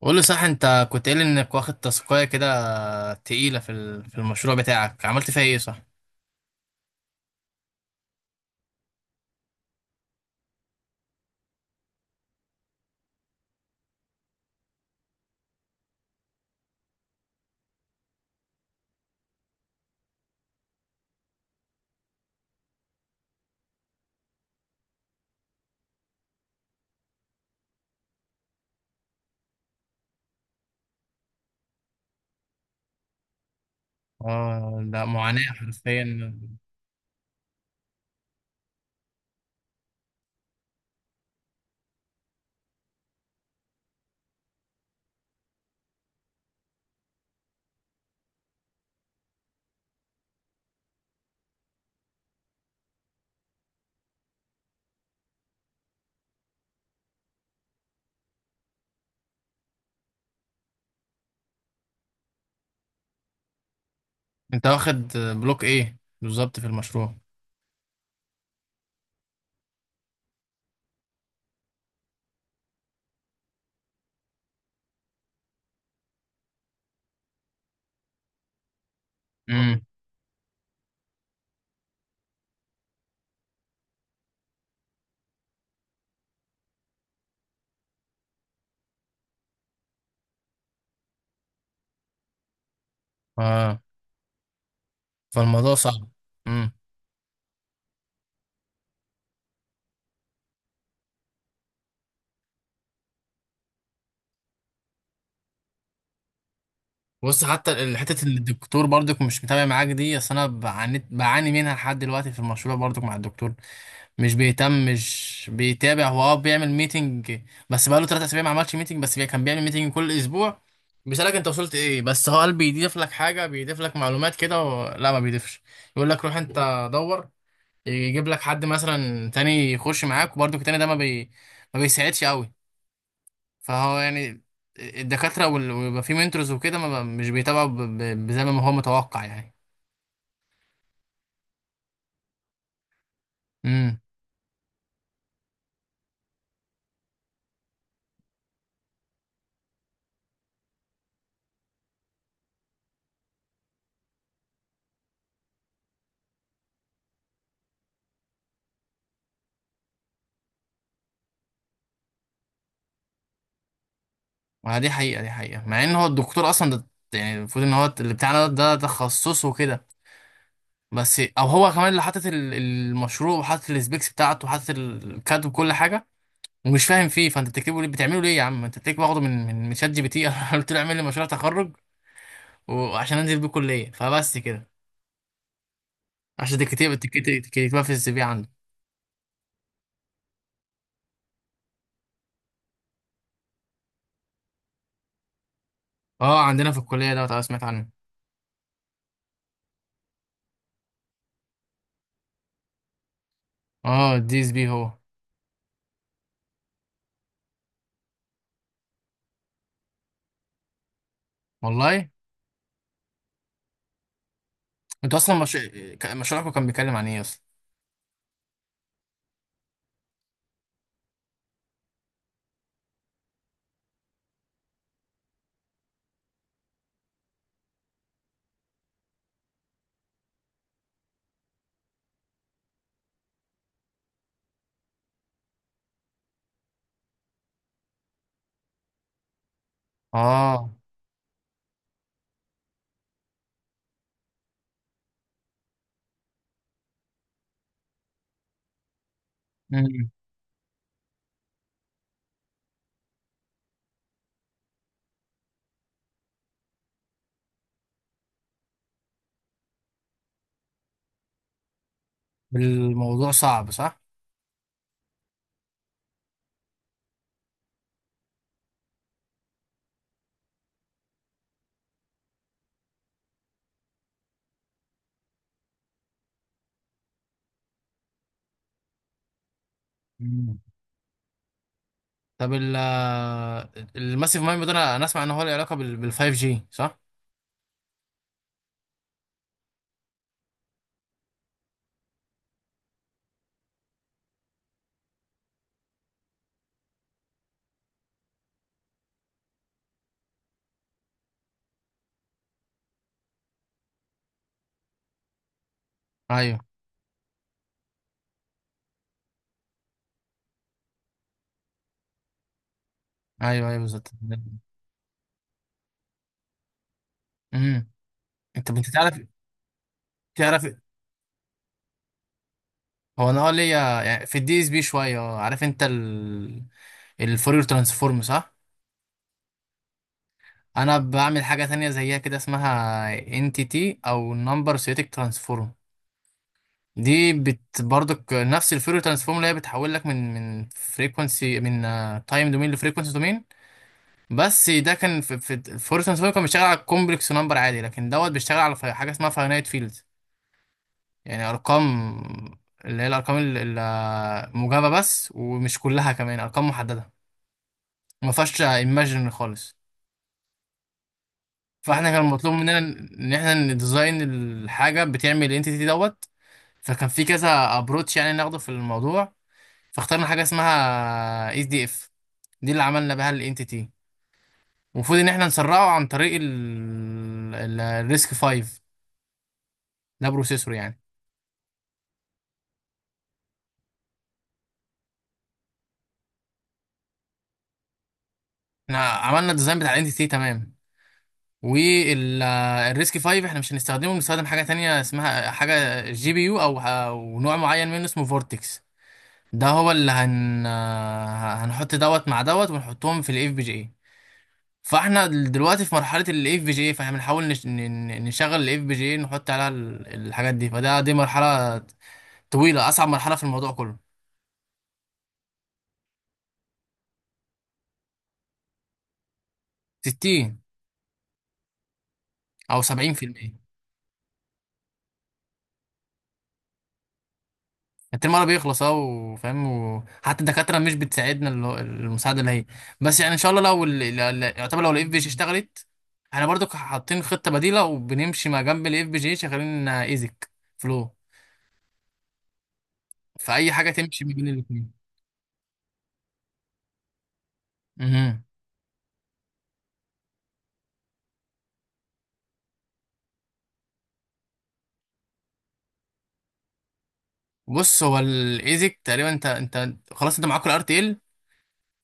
قول لي صح، انت كنت قايل انك واخد تاسكايه كده تقيله في المشروع بتاعك، عملت فيها ايه؟ صح. اه لا، معاناه حرفيا. انت واخد بلوك ايه بالظبط في المشروع؟ امم. اه. فالموضوع صعب. امم. بص، حته ان الدكتور برضك مش متابع معاك دي، اصل انا بعاني منها لحد دلوقتي في المشروع برضك مع الدكتور. مش بيهتم، مش بيتابع. هو اه بيعمل ميتنج، بس بقاله تلات اسابيع ما عملش ميتنج. بس كان بيعمل ميتنج كل اسبوع، بيسألك انت وصلت ايه. بس هو قال بيضيف لك حاجة، بيضيف لك معلومات كده لا، ما بيضيفش. يقول لك روح انت دور، يجيب لك حد مثلا تاني يخش معاك، وبرضه التاني ده ما بيساعدش قوي. فهو يعني الدكاترة ويبقى في منتورز وكده ما ب... مش بيتابعوا زي ما هو متوقع يعني. ما دي حقيقة، دي حقيقة، مع ان هو الدكتور اصلا ده يعني المفروض ان هو اللي بتاعنا ده تخصصه وكده. بس او هو كمان اللي حاطط المشروع وحاطط السبيكس بتاعته وحاطط الكاد وكل حاجة، ومش فاهم فيه. فانت بتكتبه ليه، بتعمله ليه يا عم؟ انت بتكتب واخده من شات جي بي تي. أنا قلت له اعمل لي مشروع تخرج وعشان انزل بيه كلية، فبس كده. عشان تكتبها في السي في عنده. اه، عندنا في الكلية ده، أنا سمعت عنه. اه الدي اس بي هو. والله. انتوا اصلا مش... مشروعكم كان بيتكلم عن ايه اصلا؟ اه. الموضوع صعب صح؟ مم. طب الماسيف مايند ده، انا اسمع ان هو له علاقه بال 5 جي صح؟ ايوه. ايوه بالظبط. امم. انت تعرف، تعرف، هو انا اه ليا يعني في الدي اس بي شويه. عارف انت الفورير ترانسفورم صح؟ انا بعمل حاجه تانية زيها كده، اسمها انتيتي او نمبر سيتيك ترانسفورم. دي بت برضك نفس الفورير ترانسفورم اللي هي بتحول لك من فريكونسي، من تايم دومين لفريكونسي دومين. بس ده كان في فورس سوبر، كان بيشتغل على كومبلكس نمبر عادي، لكن دوت بيشتغل على حاجه اسمها فاينايت فيلد، يعني ارقام، اللي هي الارقام الموجبه بس، ومش كلها، كمان ارقام محدده، ما فيهاش ايماجن خالص. فاحنا كان مطلوب مننا ان احنا نديزاين الحاجه بتعمل الانتيتي دوت. فكان في كذا ابروتش يعني ناخده في الموضوع، فاخترنا حاجه اسمها اس دي اف. دي اللي عملنا بها الانتيتي. المفروض ان احنا نسرعه عن طريق الريسك 5. ده بروسيسور يعني. احنا عملنا الديزاين بتاع الانتيتي تمام، والريسك 5 احنا مش هنستخدمه، بنستخدم حاجه تانية اسمها حاجه جي بي يو او أو نوع معين منه اسمه فورتكس. ده هو اللي هن آه، هنحط دوت مع دوت ونحطهم في الاف بي جي اي. فاحنا دلوقتي في مرحله الاف بي جي اي، فاحنا بنحاول نشغل الاف بي جي اي، نحط عليها الحاجات دي. فده دي مرحله طويله، اصعب مرحله في الموضوع كله. 60 او 70%. الترم الأول بيخلص اه وفاهم، وحتى الدكاترة مش بتساعدنا، المساعدة اللي هي. بس يعني إن شاء الله لو يعتبر لو الإف بي جي اشتغلت، احنا برضو حاطين خطة بديلة وبنمشي ما جنب الإف بي جي شغالين إيزك، فلو فأي حاجة تمشي ما بين الاتنين. مهم. بص هو الإيزك تقريبا، أنت خلاص أنت معاك الار تي ال،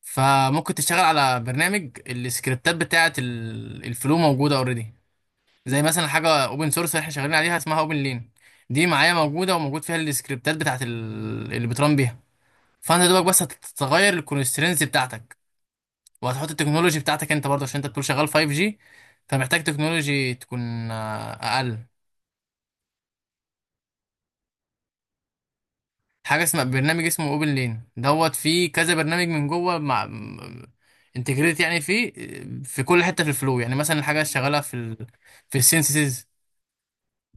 فممكن تشتغل على برنامج السكريبتات بتاعة الفلو موجودة أوريدي. زي مثلا حاجه اوبن سورس احنا شغالين عليها اسمها اوبن لين. دي معايا موجوده، وموجود فيها السكريبتات بتاعت اللي بترن بيها. فانت دوبك بس هتغير الكونسترينز بتاعتك، وهتحط التكنولوجي بتاعتك انت برضه، عشان انت بتقول شغال 5G، فمحتاج تكنولوجي تكون اقل. حاجه اسمها برنامج اسمه اوبن لين دوت، فيه كذا برنامج من جوه مع انتجريت يعني. فيه في كل حته في الفلو يعني. مثلا الحاجه شغاله في السينسز،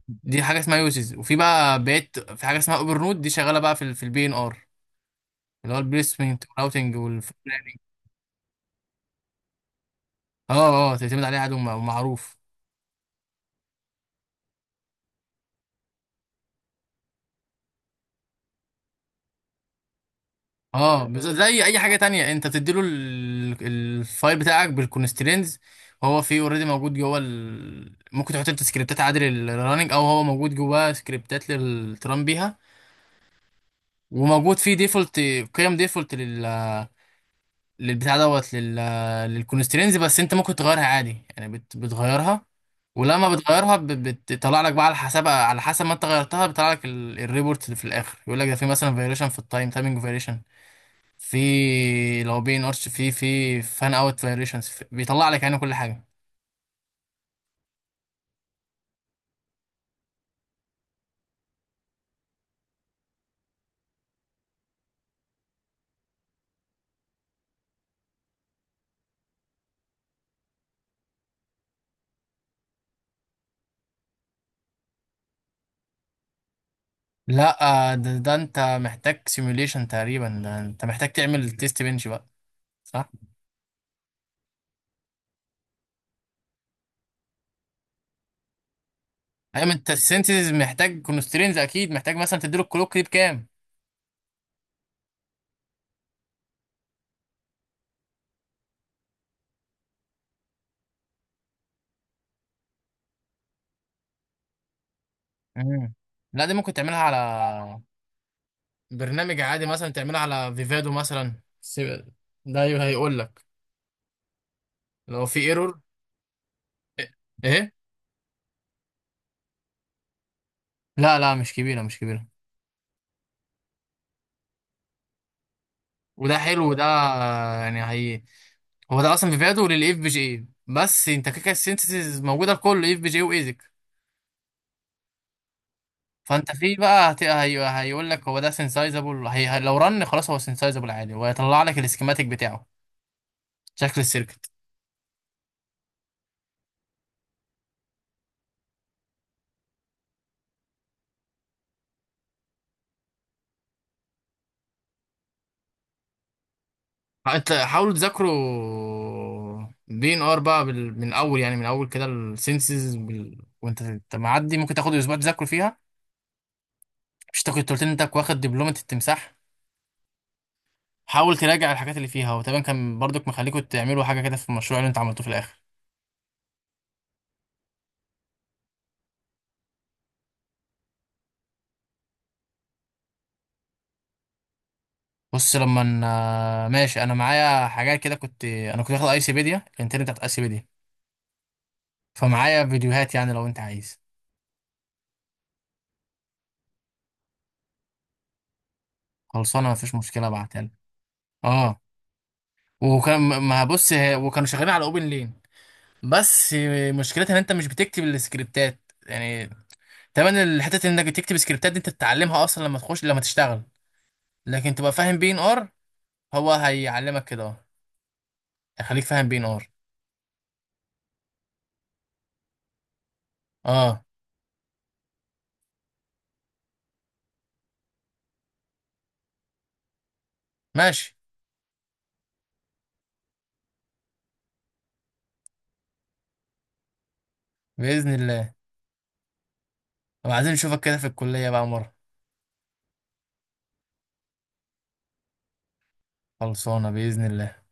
دي حاجه اسمها يوزز. وفي بقى بقيت في حاجه اسمها اوبر نود، دي شغاله بقى في في البي ان ار، اللي هو البليسمنت والراوتنج والفلاننج. اه. اه تعتمد عليه، عدو معروف. اه زي اي حاجه تانية، انت بتديله الفايل بتاعك بالكونسترينز. هو فيه اوريدي موجود ممكن تحط انت سكريبتات عادي للرننج، او هو موجود جواه سكريبتات للتران بيها. وموجود فيه ديفولت، قيم ديفولت للبتاع دوت للكونسترينز. بس انت ممكن تغيرها عادي يعني بتغيرها. ولما بتغيرها بتطلع لك بقى على حسب، على حسب ما انت غيرتها، بيطلع لك الريبورت اللي في الاخر يقول لك ده في مثلا فيريشن في التايم، تايمينج فيريشن، في لو بي ان ارش، في فان اوت فيريشنز، بيطلع لك يعني كل حاجه. لا ده انت محتاج سيموليشن تقريبا، ده انت محتاج تعمل تيست بنش بقى صح؟ ايوه، ما انت السينثيسيس محتاج كونسترينز اكيد، محتاج مثلا تديله الكلوك دي بكام. مم. لا دي ممكن تعملها على برنامج عادي، مثلا تعملها على فيفادو مثلا، ده هيقول لك لو في ايرور. ايه. لا لا، مش كبيره، مش كبيره. وده حلو، وده يعني هي هو ده اصلا فيفادو للاف بي جي إيه. بس انت كده كده السينثيسيز موجوده لكل اف بي جي وايزك. فانت في بقى هيقول لك هو ده سينسايزابل. لو رن خلاص هو سينسايزابل عادي، وهيطلع لك السكيماتيك بتاعه، شكل السيركت. انت حاولوا تذاكروا دي ان ار بقى من اول، يعني من اول كده السنسز وانت انت معدي، ممكن تاخد اسبوع تذاكروا فيها. مش انت كنت قلت لي انت واخد دبلومه التمساح؟ حاول تراجع الحاجات اللي فيها، وتقريبا كان برضك مخليكوا تعملوا حاجه كده في المشروع اللي انت عملته في الاخر. بص ماشي، انا معايا حاجات كده. كنت واخد ايسيبيديا، الانترنت بتاعت ايسيبيديا، فمعايا فيديوهات. يعني لو انت عايز، خلصانه، مفيش مشكله ابعتها لك. اه. وكان ما بص، وكانوا شغالين على اوبن لين. بس مشكلتها ان انت مش بتكتب السكريبتات يعني. تمام الحتة انك تكتب سكريبتات دي انت تتعلمها اصلا لما تخش، لما تشتغل. لكن تبقى فاهم بي ان ار. هو هيعلمك كده، اه هيخليك فاهم بي ان ار. اه. ماشي. باذن الله. وعايزين نشوفك كده في الكلية بقى مرة. خلصانة باذن الله.